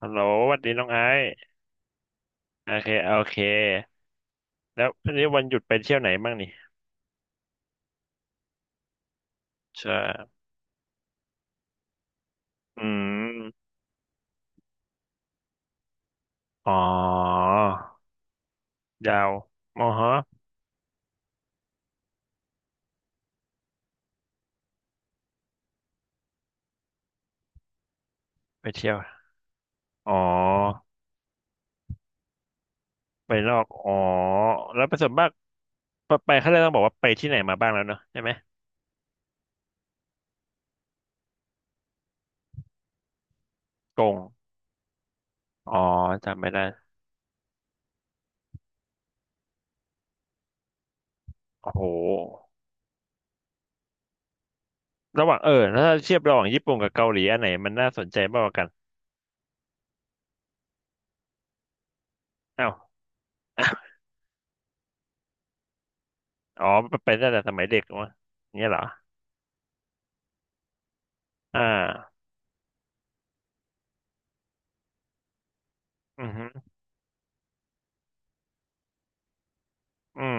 ฮัลโหลสวัสดีน้องไอซ์โอเคโอเคแล้ววันนี้วันหยุดไปเที่ยวไหนบ้างนี่ใช่อืมอ๋อยาวมอฮะไปเที่ยวอ๋อไปนอกอ๋อแล้วประสบมากไปเขาเลยต้องบอกว่าไปที่ไหนมาบ้างแล้วเนอะใช่ไหมกงอ๋อจำไม่ได้โอ้โหระหว่างเออแล้วถ้าเทียบระหว่างญี่ปุ่นกับเกาหลีอันไหนมันน่าสนใจมากกว่ากันเอ้า อ๋อไปตั้งแต่สมัยเด็กวะอย่างเงี้ยเหรออ่าอือฮึอืม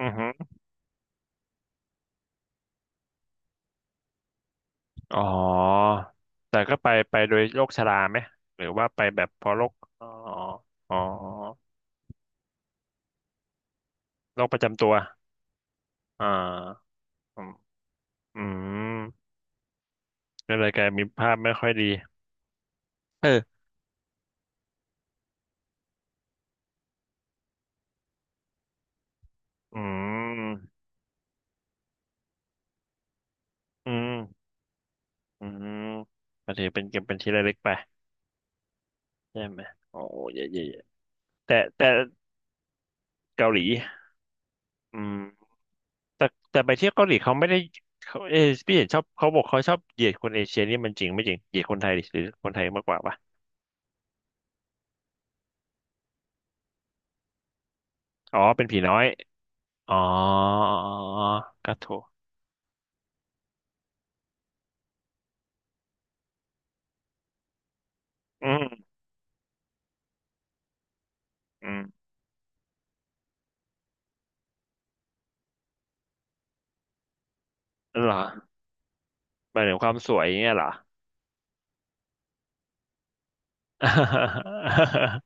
อือฮึ อ๋อ แต่ก็ไปโดยโรคชราไหม หรือว่าไปแบบเพราะโรคอ๋อ อ๋อโรคประจำตัวอ่าอืมอืมก็เลยกลายมีภาพไม่ค่อยดีเอออืม อืม อืมก็ถือเป็นเก็บเป็นที่ระลึกไปใช่ไหมโอ้เยเย่เยแต่แต่เกาหลีอืมแต่แต่ไปเที่ยวเกาหลีเขาไม่ได้เขาเออพี่เห็นชอบเขาบอกเขาชอบเหยียดคนเอเชียนี่มันจริงไม่จริงเหยียดคนไทยดิหรือคนไทยมากกว่าปะอ๋อเป็นผีน้อย อ๋ออ๋ออกระูกอืมอืมเหรอหมายถึงความสวยอย่างเงี้ยเหรอ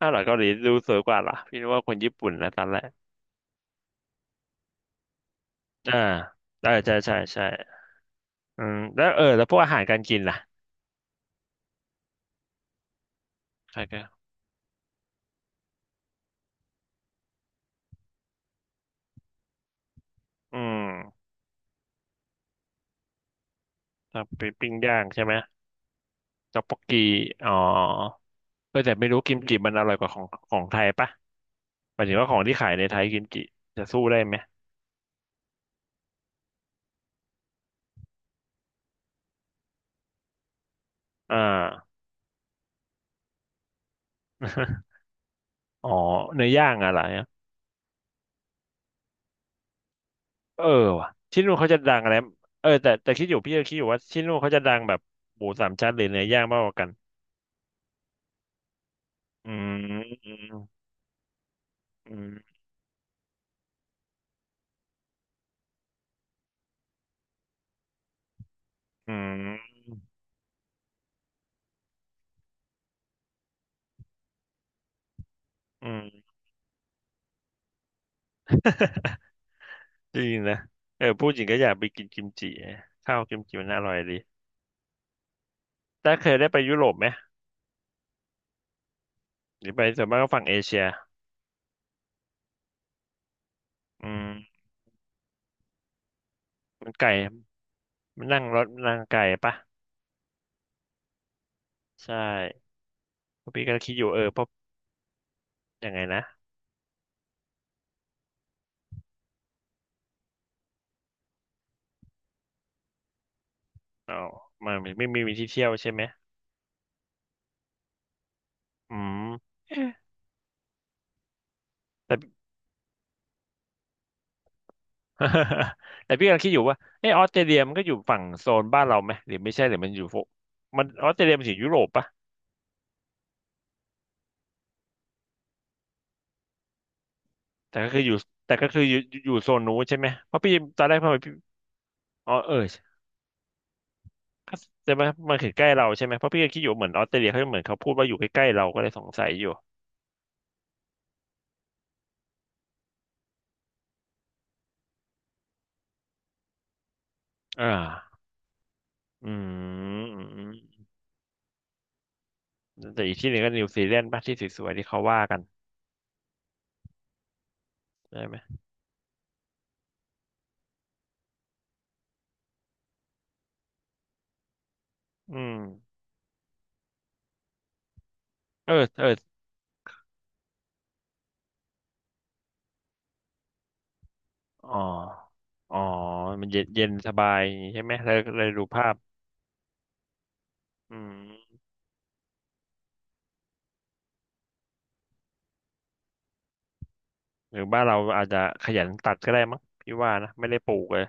อ้า วเหรอเกาหลีดูสวยกว่าเหรอพี่นึกว่าคนญี่ปุ่นนะตอนแรกอ่าใช่ใช่ใช่ใช่อืมแล้วเออแล้วพวกอาหารการกินล่ะใช่ก็อืมถ้าไปปิ้งย่างใช่ไหมต๊อกบกกีอ๋อเออแต่ไม่รู้กิมจิมันอร่อยกว่าของของไทยปะหมายถึงว่าของที่ขายในไทยกิมจิจะสู้ได้ไหมอ่า อ๋อเนื้อย่างอะเหรอ เออว่ะที่นู่นเขาจะดังอะไรเออแต่แต่คิดอยู่พี่ก็คิดอยู่ว่าที่นู่นเขาจะดังแบบหมูสามชั้นหรือเนื้อย่างมากกว่ากันอืมอืมอืมอืม จริงนะเออพูดจริงก็อยากไปกินกิมจิข้าวกิมจิมันน่าอร่อยดีแต่เคยได้ไปยุโรปไหมหรือไปส่วนมากก็ฝั่งเอเชียอืมมันไก่มันนั่งรถนั่งไก่ปะใช่เพราะพี่ก็คิดอยู่เออเพราะยังไงนะอ๋อมันไม่ไมมีที่เที่ยวใช่ไหมอืมแต่ แต่พี่กำลังคิดอยู่ว่าเออออสเตรเลียมันก็อยู่ฝั่งโซนบ้านเราไหมหรือไม่ใช่หรือมันอยู่พวกมันออสเตรเลียมันอยู่ยุโรปปะแต่ก็คืออยู่แต่ก็คืออยู่อยู่โซนนู้นใช่ไหมเพราะพี่ตอนแรกพอพี่อ๋อเออก็แต่มันคือใกล้เราใช่ไหมเพราะพี่ก็คิดอยู่ว่าเหมือนออสเตรเลียเขาเหมือนเขาพูดว่าอยู่ใกล้ๆเราก็เลยสงสัยอยู่อ่าอืมอืมอืมแต่อีกที่หนึ่งก็นิวซีแลนด์ป่ะที่สวยๆที่เขาว่ากันใช่ไหมอืมเออเอออ๋ออ๋อมันเย็นเย็นสบายอย่างงี้ใช่ไหมเลยดูภาพอืม หรือบ้านเราอาจจะขยันตัดก็ได้มั้งพี่ว่านะไม่ได้ปลูกเลย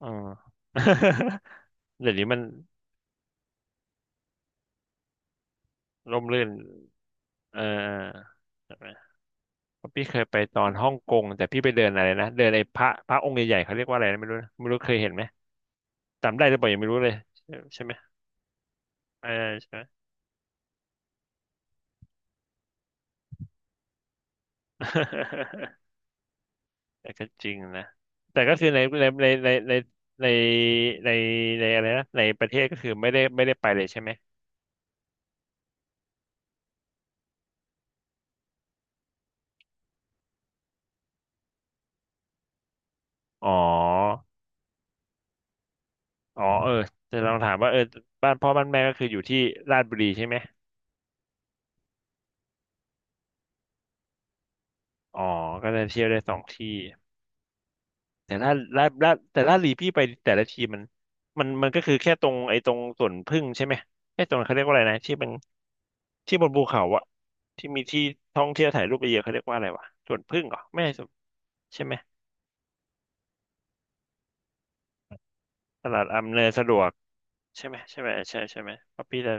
อืม เดี๋ยวนี้มันร่มรื่นเออใช่ไหมเพราะพี่เคยไปตอนฮ่องกงแต่พี่ไปเดินอะไรนะเดินไอ้พระองค์ใหญ่ๆเขาเรียกว่าอะไรนะไม่รู้นะไม่รู้เคยเห็นไหมจำได้หรือเปล่ายังไม่รู้เลยใช่ใช่ไหมเออใช่ไหม แต่ก็จริงนะแต่ก็คือในในในอะไรนะในประเทศก็คือไม่ได้ไม่ได้ไปเลยใช่ไหมอ๋อ อ๋อเออจะลองถามว่าเออบ้านพ่อบ้านแม่ก็คืออยู่ที่ราชบุรีใช่ไหมอ๋อก็จะเที่ยวได้สองที่แต่ราชบุรีพี่ไปแต่ละทีมันมันก็คือแค่ตรงไอ้ตรงสวนผึ้งใช่ไหมไอ้ตรงเขาเรียกว่าอะไรนะที่เป็นที่บนภูเขาอะที่มีที่ท่องเที่ยวถ่ายรูปเยอะๆเขาเรียกว่าอะไรวะสวนผึ้งเหรอไม่ใช่สวนใช่ไหมตลาดอำนวยสะดวกใช่ไหมใช่ไหมใช่ใช่ไหมเพราะพี่จะ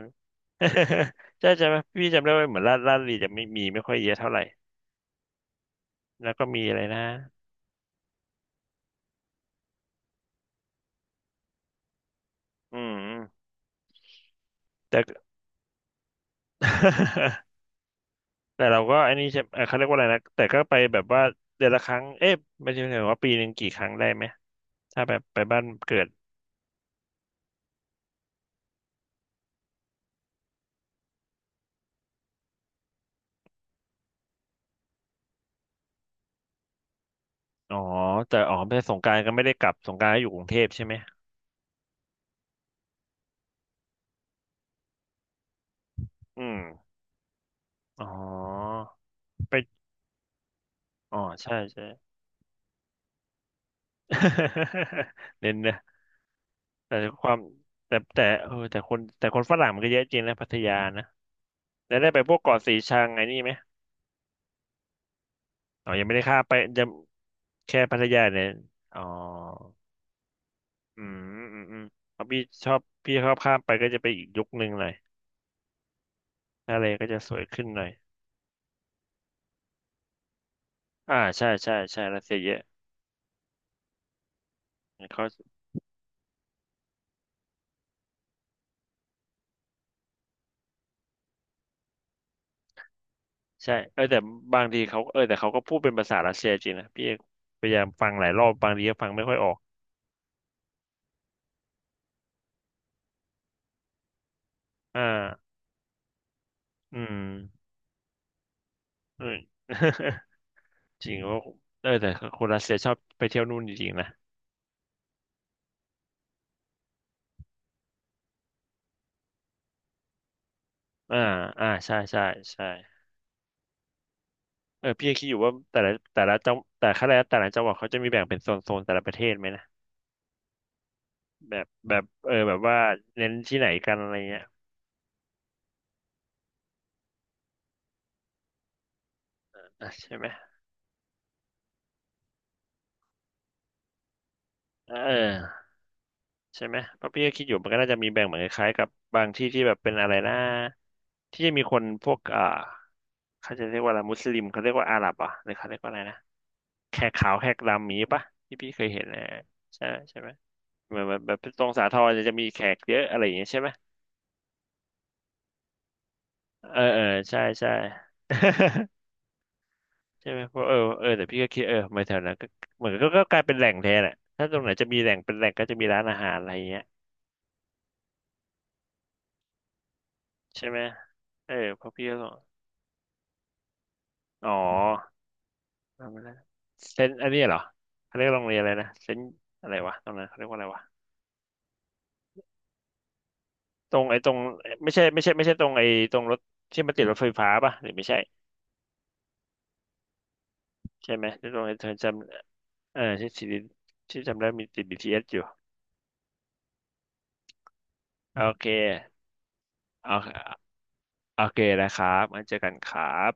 ใช่ใช่ไหมพี่จำได้ว่าเหมือนราชบุรีจะไม่มีไม่ค่อยเยอะเท่าไหร่แล้วก็มีอะไรนะอืมแต่ แต่เราก็อันนี้ใช่เขาเรียกว่าอะไรนะแต่ก็ไปแบบว่าเดือนละครั้งเอ๊ะไม่ใช่ว่าปีหนึ่งกี่ครั้งได้ไหมถ้าแบบไปบ้านเกิดอ๋อแต่อ๋อไปสงกรานต์ก็ไม่ได้กลับสงกรานต์ก็อยู่กรุงเทพใช่ไหมอืมอ๋อไปอ๋อใช่ใช่ เน้นนะแต่ความแต่แต่เออแต่คนฝรั่งมันก็เยอะจริงนะพัทยานะแล้วได้ไปพวกเกาะสีชังไอ้นี่ไหมอ๋อยังไม่ได้ข้ามไปจะแค่พัทยาเนี่ยอ๋อ อืมอืมเพราะพี่ชอบพี่ชอบข้ามไปก็จะไปอีกยุคหนึ่งหน่อยทะเลก็จะสวยขึ้นหน่อยอ่าใช่ใช่ใช่รัสเซียเยอะเขาใช่แต่บางทีเขาแต่เขาก็พูดเป็นภาษารัสเซียจริงนะพี่พยายามฟังหลายรอบบางทีก็ฟังไม่ค่อยออกอ่าอืมอืม จริงว่าเออแต่คนรัสเซียชอบไปเที่ยวนู่นจริงๆนะอ่าอ่าใช่ใช่ใช่เออพี่ยังคิดอยู่ว่าแต่ละแต่ละจังหวัดเขาจะมีแบ่งเป็นโซนโซนแต่ละประเทศไหมนะ แบบว่าเน้นที่ไหนกันอะไรเงี้ยอ่ะใช่ไหมเออใช่ไหมเพราะพี่ก็คิดอยู่มันก็น่าจะมีแบ่งเหมือนคล้ายๆกับบางที่ที่แบบเป็นอะไรนะที่จะมีคนพวกอ่าเขาจะเรียกว่าอะไรมุสลิมเขาเรียกว่าอาหรับเหรอ่ะหรือเขาเรียกว่าอะไรนะแขกขาวแขกดำมีปะที่พี่เคยเห็นนะใช่ใช่ไหมเหมือนแบบแบบตรงสาทรจะมีแขกเยอะอะไรอย่างเงี้ยใช่ไหมเออเออใช่ใช่ ใช่ไหมเพราะเออเออแต่พี่ก็คิดเออมาแถวนั้นก็เหมือนก็กลายเป็นแหล่งแทนอ่ะถ้าตรงไหนจะมีแหล่งเป็นแหล่งก็จะมีร้านอาหารอะไรเงี้ยใช่ไหมเออเพราะพี่ก็บอกอ๋อจำไม่ได้เซนอันนี้เหรอเขาเรียกโรงเรียนอะไรนะเซนอะไรวะตรงนั้นเขาเรียกว่าอะไรวะตรงไอ้ตรงไม่ใช่ตรงไอ้ตรงรถที่มันติดรถไฟฟ้าป่ะหรือไม่ใช่ใช่ไหมหรือตรงไอ้เธอจำเออที่สิริที่จำได้มีติด BTS อสอยู่โอเคโอเคโอเคนะครับมาเจอกันครับ